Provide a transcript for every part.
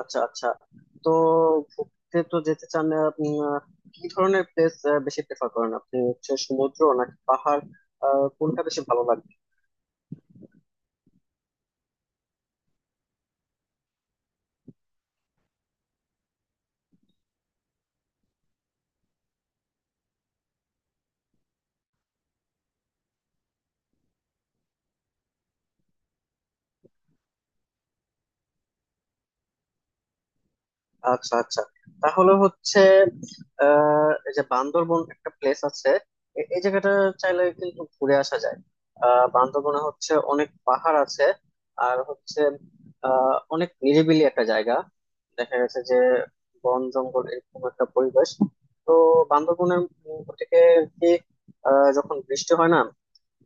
আচ্ছা, আচ্ছা। তো ঘুরতে তো যেতে চান আপনি। কি ধরনের প্লেস বেশি প্রেফার করেন আপনি, হচ্ছে সমুদ্র নাকি পাহাড়? কোনটা বেশি ভালো লাগে? আচ্ছা, আচ্ছা। তাহলে হচ্ছে, এই যে বান্দরবন একটা প্লেস আছে, এই জায়গাটা চাইলে কিন্তু ঘুরে আসা যায়। বান্দরবনে হচ্ছে অনেক পাহাড় আছে। আর হচ্ছে অনেক নিরিবিলি একটা জায়গা। দেখা গেছে যে বন জঙ্গল, এরকম একটা পরিবেশ। তো বান্দরবনের থেকে আর কি, যখন বৃষ্টি হয় না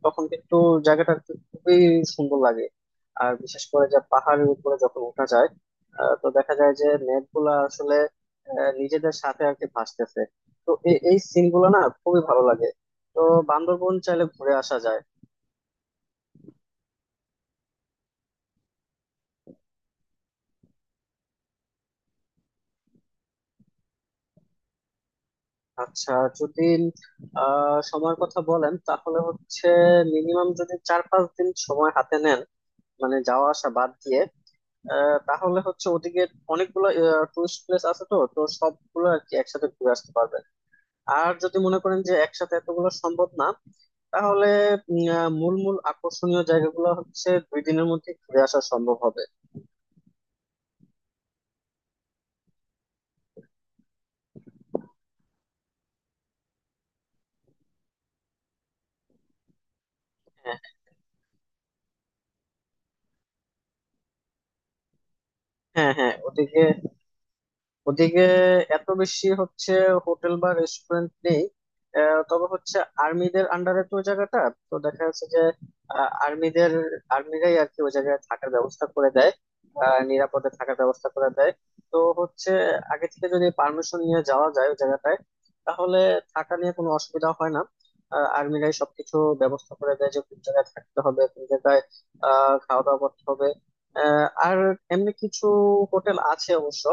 তখন কিন্তু জায়গাটা আর কি খুবই সুন্দর লাগে। আর বিশেষ করে যে পাহাড়ের উপরে যখন উঠা যায়, তো দেখা যায় যে মেঘগুলা আসলে নিজেদের সাথে আর কি ভাসতেছে। তো এই সিন গুলো না খুবই ভালো লাগে। তো বান্দরবন চাইলে ঘুরে আসা যায়। আচ্ছা। যদি সময়ের কথা বলেন তাহলে হচ্ছে, মিনিমাম যদি 4-5 দিন সময় হাতে নেন, মানে যাওয়া আসা বাদ দিয়ে, তাহলে হচ্ছে ওদিকে অনেকগুলো টুরিস্ট প্লেস আছে, তো তো সবগুলো আর কি একসাথে ঘুরে আসতে পারবেন। আর যদি মনে করেন যে একসাথে এতগুলো সম্ভব না, তাহলে মূল মূল আকর্ষণীয় জায়গাগুলো হচ্ছে 2 দিনের মধ্যে ঘুরে আসা সম্ভব হবে। হ্যাঁ, হ্যাঁ, হ্যাঁ। ওদিকে ওদিকে এত বেশি হচ্ছে হোটেল বা রেস্টুরেন্ট নেই। তবে হচ্ছে আর্মিদের আন্ডারে তো ওই জায়গাটা। তো দেখা যাচ্ছে যে আহ, আর্মিদের আর্মিরাই আর কি ওই জায়গায় থাকার ব্যবস্থা করে দেয়, নিরাপদে থাকার ব্যবস্থা করে দেয়। তো হচ্ছে, আগে থেকে যদি পারমিশন নিয়ে যাওয়া যায় ওই জায়গাটায়, তাহলে থাকা নিয়ে কোনো অসুবিধা হয় না। আর্মিরাই সবকিছু ব্যবস্থা করে দেয়, যে কোন জায়গায় থাকতে হবে, কোন জায়গায় খাওয়া দাওয়া করতে হবে। আর এমনি কিছু হোটেল আছে অবশ্য।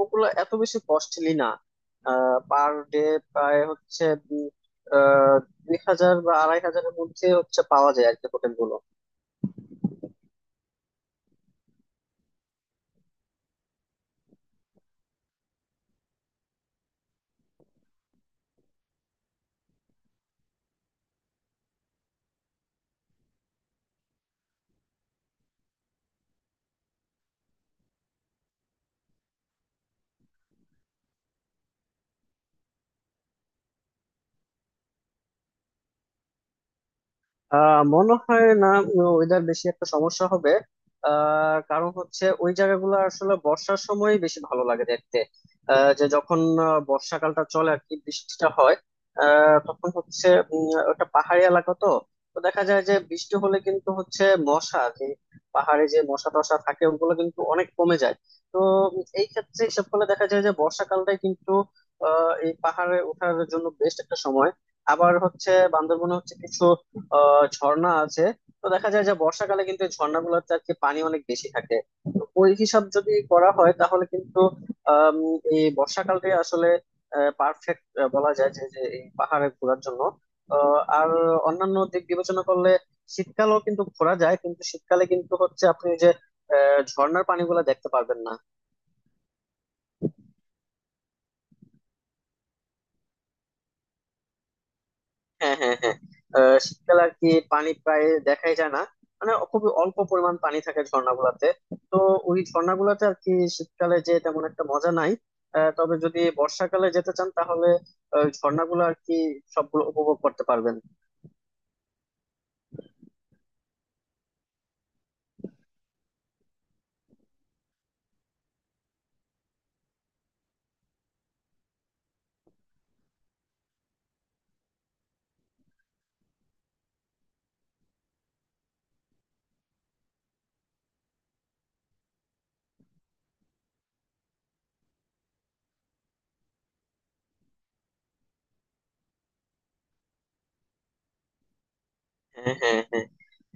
ওগুলো এত বেশি কস্টলি না। পার ডে প্রায় হচ্ছে আহ, 2,000 বা 2,500 মধ্যে হচ্ছে পাওয়া যায় আর কি হোটেল গুলো। মনে হয় না ওয়েদার বেশি একটা সমস্যা হবে। কারণ হচ্ছে ওই জায়গাগুলো আসলে বর্ষার সময় বেশি ভালো লাগে দেখতে। আহ, যে যখন বর্ষাকালটা চলে আর কি বৃষ্টিটা হয়, তখন হচ্ছে ওটা পাহাড়ি এলাকা তো। তো দেখা যায় যে বৃষ্টি হলে কিন্তু হচ্ছে মশা যে পাহাড়ে যে মশা টশা থাকে ওগুলো কিন্তু অনেক কমে যায়। তো উম, এই ক্ষেত্রে হিসাব করলে দেখা যায় যে বর্ষাকালটাই কিন্তু এই পাহাড়ে ওঠার জন্য বেস্ট একটা সময়। আবার হচ্ছে, বান্দরবনে হচ্ছে কিছু ঝর্ণা আছে। তো দেখা যায় যে বর্ষাকালে কিন্তু এই ঝর্ণা গুলোতে আর কি পানি অনেক বেশি থাকে। তো ওই হিসাব যদি করা হয় তাহলে কিন্তু, আম, এই বর্ষাকালটাই আসলে পারফেক্ট বলা যায় যে যে এই পাহাড়ে ঘোরার জন্য। আর অন্যান্য দিক বিবেচনা করলে শীতকালেও কিন্তু ঘোরা যায়, কিন্তু শীতকালে কিন্তু হচ্ছে আপনি যে ঝর্ণার পানিগুলো দেখতে পারবেন না। হ্যাঁ, হ্যাঁ, হ্যাঁ। শীতকালে আর কি পানি প্রায় দেখাই যায় না, মানে খুবই অল্প পরিমাণ পানি থাকে ঝর্ণাগুলাতে। তো ওই ঝর্ণাগুলাতে আর কি শীতকালে যে তেমন একটা মজা নাই। তবে যদি বর্ষাকালে যেতে চান, তাহলে ওই ঝর্ণাগুলো আর কি সবগুলো উপভোগ করতে পারবেন। হ্যাঁ, হ্যাঁ, হ্যাঁ।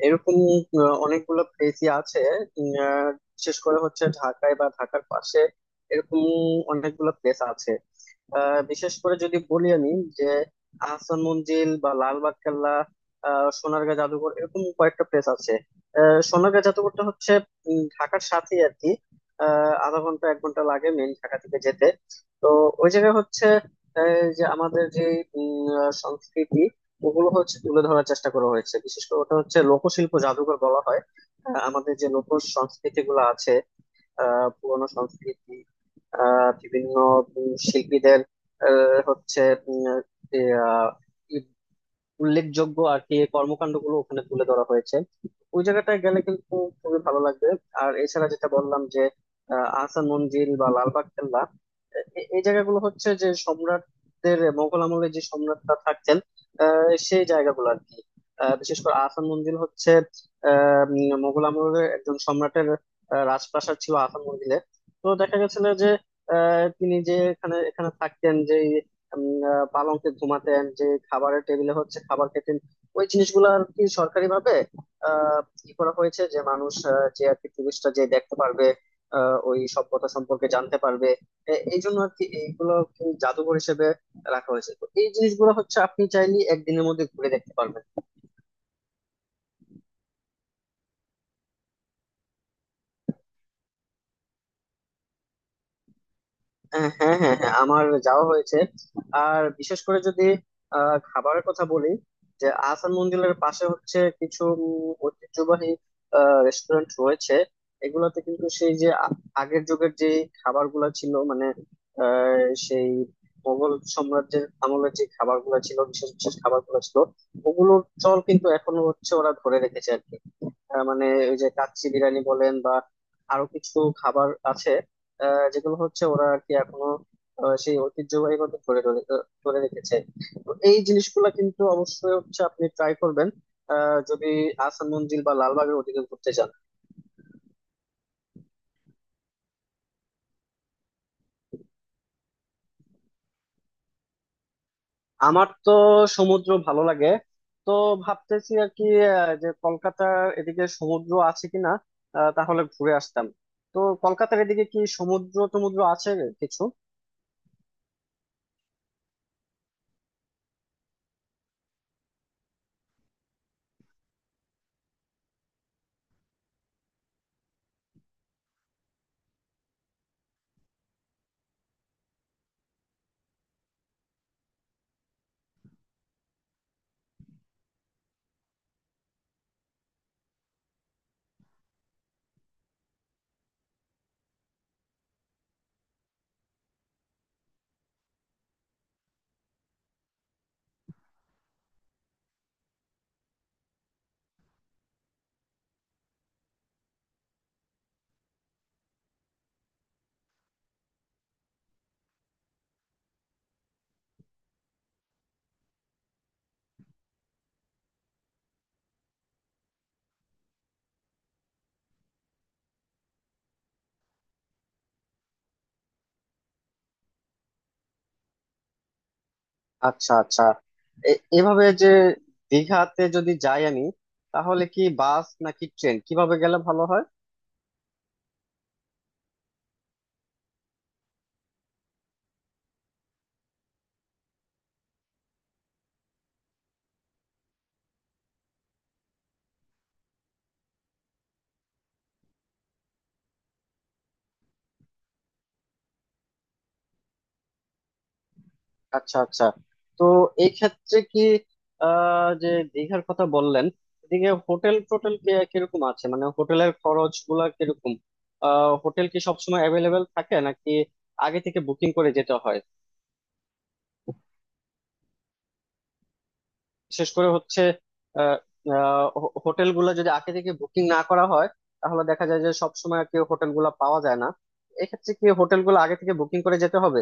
এরকম অনেকগুলো প্লেসই আছে। উম, আহ, বিশেষ করে হচ্ছে ঢাকায় বা ঢাকার পাশে এরকম অনেকগুলো প্লেস আছে। বিশেষ করে যদি বলি আমি, যে আহসান মঞ্জিল বা লালবাগ কেল্লা, সোনারগাঁ জাদুঘর, এরকম কয়েকটা প্লেস আছে। সোনারগাঁ জাদুঘরটা হচ্ছে ঢাকার সাথেই আর কি। আধা ঘন্টা 1 ঘন্টা লাগে মেইন ঢাকা থেকে যেতে। তো ওই জায়গায় হচ্ছে যে আমাদের যে সংস্কৃতি, ওগুলো হচ্ছে তুলে ধরার চেষ্টা করা হয়েছে। বিশেষ করে ওটা হচ্ছে লোকশিল্প জাদুঘর বলা হয়। আমাদের যে লোক সংস্কৃতি গুলো আছে, পুরনো সংস্কৃতি, বিভিন্ন শিল্পীদের হচ্ছে উম, আহ, উল্লেখযোগ্য আর কি এই কর্মকাণ্ডগুলো ওখানে তুলে ধরা হয়েছে। ওই জায়গাটায় গেলে কিন্তু খুবই ভালো লাগবে। আর এছাড়া যেটা বললাম, যে আহসান মঞ্জিল বা লালবাগ কেল্লা, এই জায়গাগুলো হচ্ছে যে সম্রাটদের, মোগল আমলে যে সম্রাটরা থাকতেন। সেই জায়গাগুলো আর কি। বিশেষ করে আহসান মঞ্জিল হচ্ছে মোগল আমলের একজন সম্রাটের রাজপ্রাসাদ ছিল আহসান মঞ্জিলে। তো দেখা গেছিল যে তিনি যে এখানে এখানে থাকতেন, যে পালঙ্কে ঘুমাতেন, যে খাবারের টেবিলে হচ্ছে খাবার খেতেন। ওই জিনিসগুলো আর কি সরকারি ভাবে কি করা হয়েছে যে মানুষ, যে আর কি টুরিস্টরা যে দেখতে পারবে, ওই সভ্যতা সম্পর্কে জানতে পারবে। এই জন্য আর কি এইগুলো কি জাদুঘর হিসেবে রাখা হয়েছে। তো এই জিনিসগুলো হচ্ছে আপনি চাইলে একদিনের মধ্যে ঘুরে দেখতে পারবেন। হ্যাঁ, হ্যাঁ, হ্যাঁ। আমার যাওয়া হয়েছে। আর বিশেষ করে যদি খাবারের কথা বলি, যে আহসান মঞ্জিলের পাশে হচ্ছে কিছু ঐতিহ্যবাহী রেস্টুরেন্ট রয়েছে। এগুলোতে কিন্তু সেই যে আগের যুগের যে খাবারগুলো ছিল, মানে সেই মোগল সাম্রাজ্যের আমলের যে খাবারগুলো ছিল, বিশেষ বিশেষ খাবারগুলো ছিল, ওগুলোর চল কিন্তু এখনো হচ্ছে ওরা ধরে রেখেছে। মানে ওই যে কাচ্চি বিরিয়ানি বলেন, বা আরো কিছু খাবার আছে, যেগুলো হচ্ছে ওরা আর কি এখনো সেই ঐতিহ্যবাহী মতো ধরে ধরে ধরে রেখেছে। তো এই জিনিসগুলা কিন্তু অবশ্যই হচ্ছে আপনি ট্রাই করবেন, যদি আসান মঞ্জিল বা লালবাগের ওদিকে ঘুরতে যান। আমার তো সমুদ্র ভালো লাগে। তো ভাবতেছি আর কি আহ, যে কলকাতার এদিকে সমুদ্র আছে কিনা, তাহলে ঘুরে আসতাম। তো কলকাতার এদিকে কি সমুদ্র টমুদ্র আছে কিছু? আচ্ছা, আচ্ছা। এভাবে যে দীঘাতে যদি যাই আমি, তাহলে কি বাস নাকি ট্রেন, কিভাবে গেলে ভালো হয়? আচ্ছা, আচ্ছা। তো এই ক্ষেত্রে কি, আহ যে দীঘার কথা বললেন, এদিকে হোটেল টোটেল কিরকম আছে, মানে হোটেলের খরচ গুলা কিরকম? হোটেল কি সবসময় অ্যাভেলেবেল থাকে নাকি আগে থেকে বুকিং করে যেতে হয়? বিশেষ করে হচ্ছে, হোটেল গুলো যদি আগে থেকে বুকিং না করা হয় তাহলে দেখা যায় যে সব সময় আর কি হোটেল গুলা পাওয়া যায় না। এক্ষেত্রে কি হোটেল গুলো আগে থেকে বুকিং করে যেতে হবে?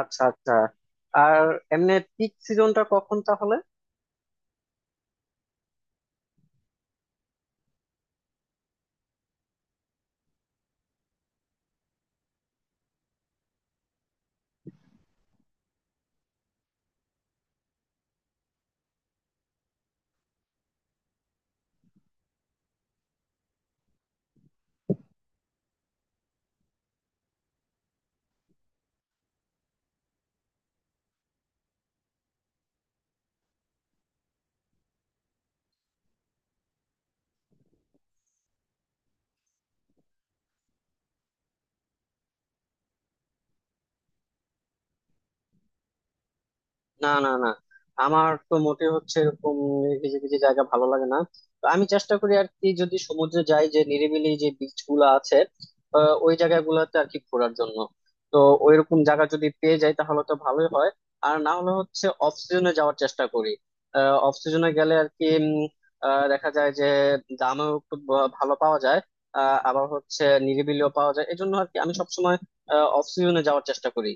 আচ্ছা, আচ্ছা। আর এমনি পিক সিজনটা কখন তাহলে? না, না, না। আমার তো মোটে হচ্ছে এরকম ভিজে ভিজে জায়গা ভালো লাগে না। তো আমি চেষ্টা করি আর কি, যদি সমুদ্রে যাই, যে নিরিবিলি যে বিচ গুলা আছে, ওই জায়গাগুলোতে আর কি ঘোরার জন্য। তো ওইরকম জায়গা যদি পেয়ে যাই তাহলে তো ভালোই হয়। আর না হলে হচ্ছে অফ সিজনে যাওয়ার চেষ্টা করি। অফ সিজনে গেলে আর কি দেখা যায় যে দামও একটু ভালো পাওয়া যায়। আবার হচ্ছে নিরিবিলিও পাওয়া যায়, এজন্য আর কি আমি সবসময় অফ সিজনে যাওয়ার চেষ্টা করি।